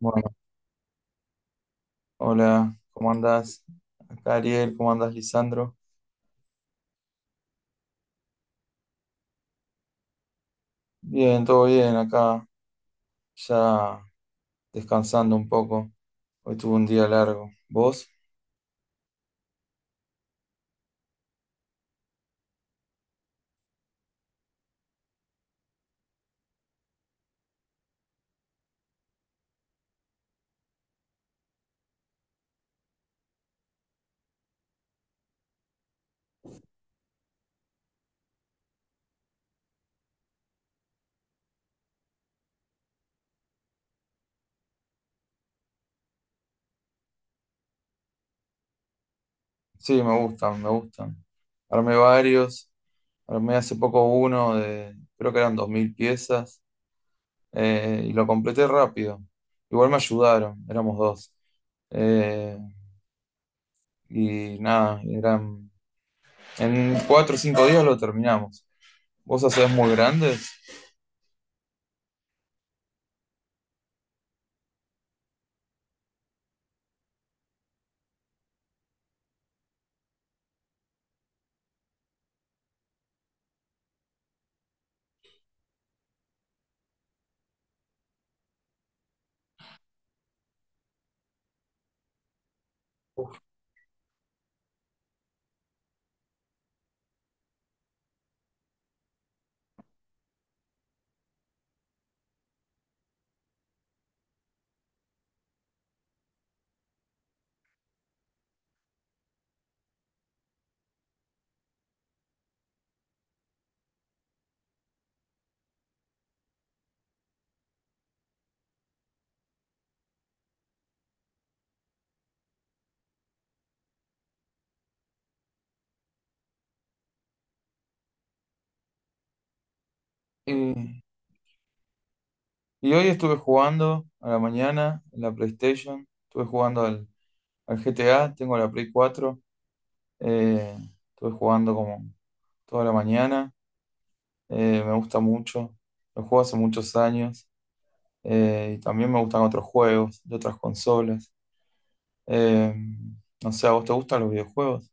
Bueno, hola, ¿cómo andás? Acá Ariel, ¿cómo andás, Lisandro? Bien, todo bien, acá ya descansando un poco. Hoy tuve un día largo. ¿Vos? Sí, me gustan, me gustan. Armé varios, armé hace poco uno de, creo que eran 2000 piezas, y lo completé rápido. Igual me ayudaron, éramos dos. Eh, y nada, en 4 o 5 días lo terminamos. ¿Vos hacés muy grandes? Y Y hoy estuve jugando a la mañana en la PlayStation, estuve jugando al GTA, tengo la Play 4, eh, estuve jugando como toda la mañana. Me gusta mucho, lo juego hace muchos años. Y también me gustan otros juegos de otras consolas. Eh, no sé, ¿a vos te gustan los videojuegos?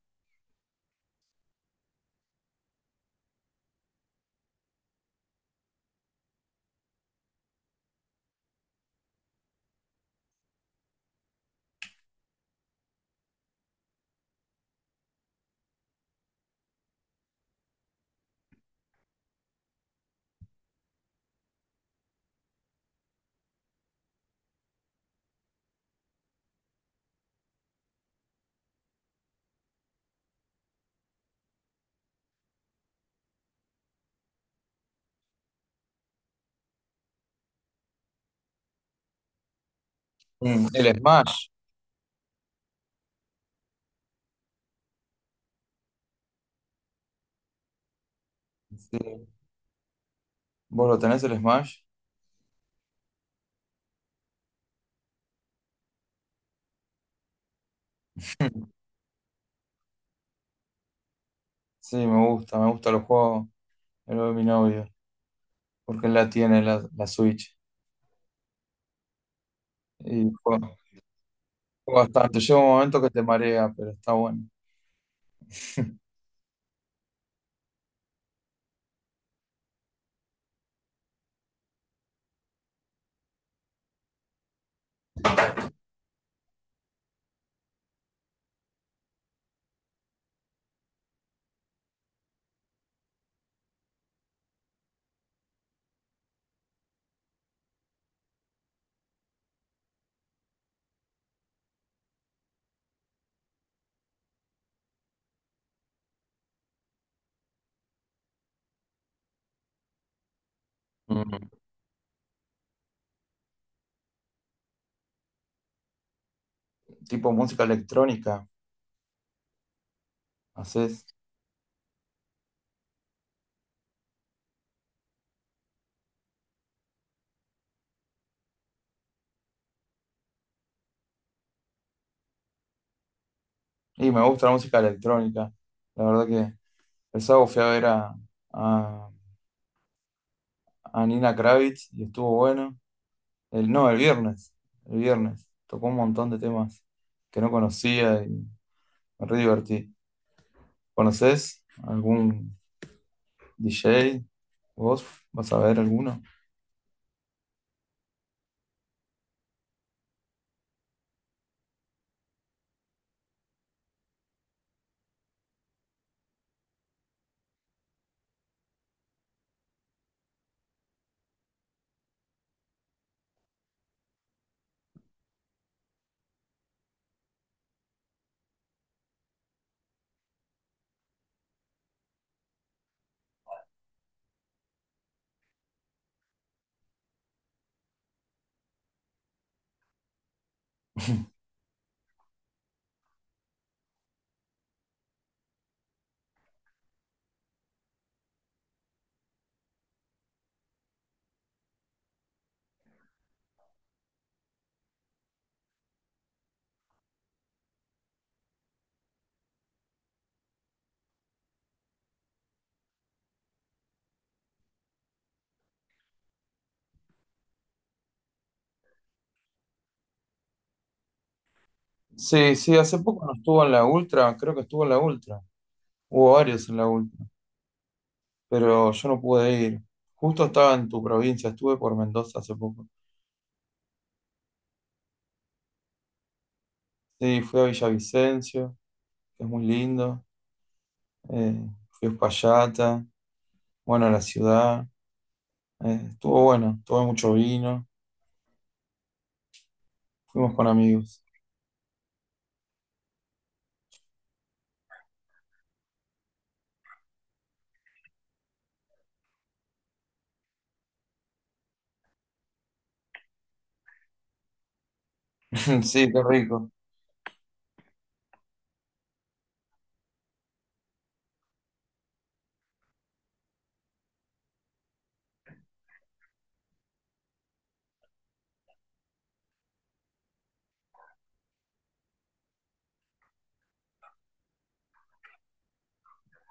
Mm, el Smash, sí. ¿Vos lo tenés el Smash? Sí, me gusta, los juegos, el de mi novio, porque él la tiene la Switch. y Bastante. Llega un momento que te marea, pero está bueno. Mm. Tipo música electrónica, haces. Y me gusta la música electrónica. La verdad que el sábado fui a ver a, a Nina Kravitz y estuvo bueno. El, no, el viernes. El viernes. Tocó un montón de temas que no conocía y me re divertí. ¿Conoces algún DJ? ¿Vos vas a ver alguno? Sí, sí, hace poco no estuvo en la Ultra, creo que estuvo en la Ultra. Hubo varios en la Ultra, pero yo no pude ir. Justo estaba en tu provincia, estuve por Mendoza hace poco. Sí, fui a Villavicencio, que es muy lindo. Fui a Uspallata, bueno, a la ciudad. Estuvo bueno, tomé mucho vino, fuimos con amigos. Sí, qué rico.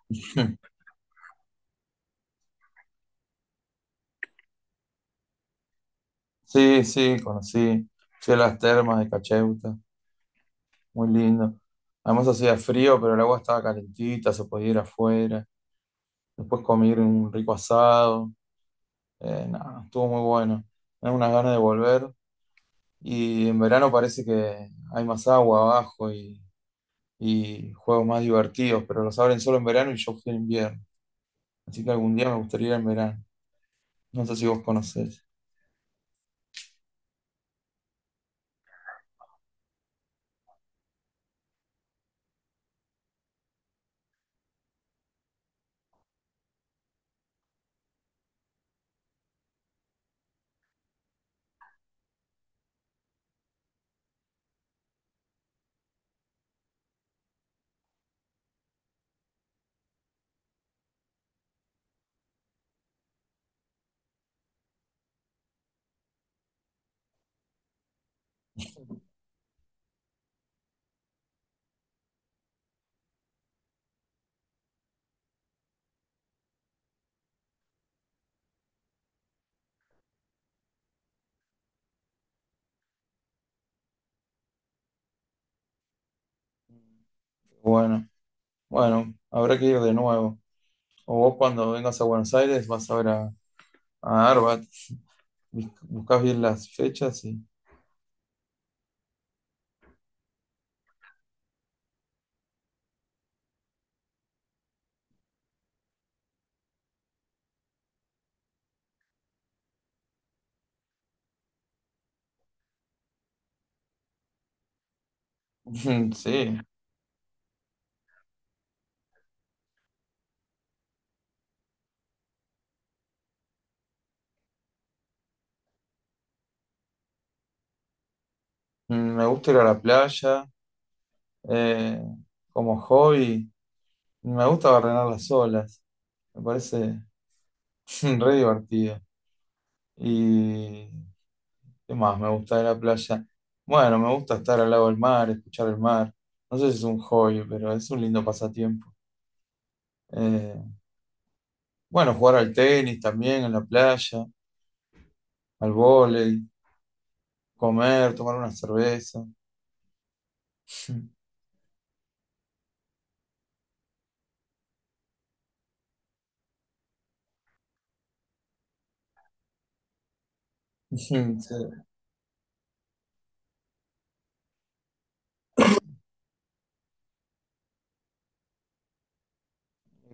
Sí, sí, conocí. Fui a las termas de Cacheuta, muy lindo. Además hacía frío, pero el agua estaba calentita, se podía ir afuera. Después comí un rico asado. Nada, estuvo muy bueno. Tengo unas ganas de volver. Y en verano parece que hay más agua abajo y juegos más divertidos, pero los abren solo en verano y yo fui en invierno. Así que algún día me gustaría ir en verano. No sé si vos conocés. Bueno, bueno, habrá que ir de nuevo. O vos cuando vengas a Buenos Aires vas a ver a Arbat. Buscás bien las fechas. Y... Sí, me gusta ir a la playa. eh, Como hobby, me gusta barrenar las olas. Me parece re divertido. Y ¿qué más me gusta de la playa? Bueno, me gusta estar al lado del mar, escuchar el mar. No sé si es un hobby, pero es un lindo pasatiempo. Eh, bueno, jugar al tenis también en la playa, al vóley, comer, tomar una cerveza. Sí, me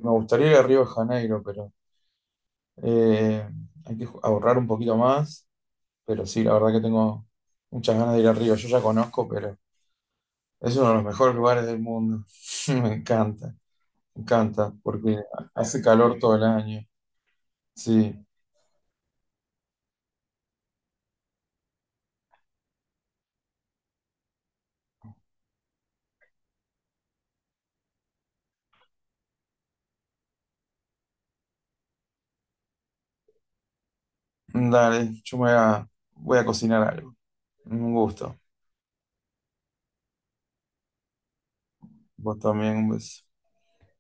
gustaría ir a Río de Janeiro, pero eh, hay que ahorrar un poquito más. Pero sí, la verdad que tengo muchas ganas de ir a Río. Yo ya conozco, pero es uno de los mejores lugares del mundo. Me encanta, me encanta, porque hace calor todo el año. Sí, dale, yo me voy a cocinar algo. Un gusto. Vos también, un beso.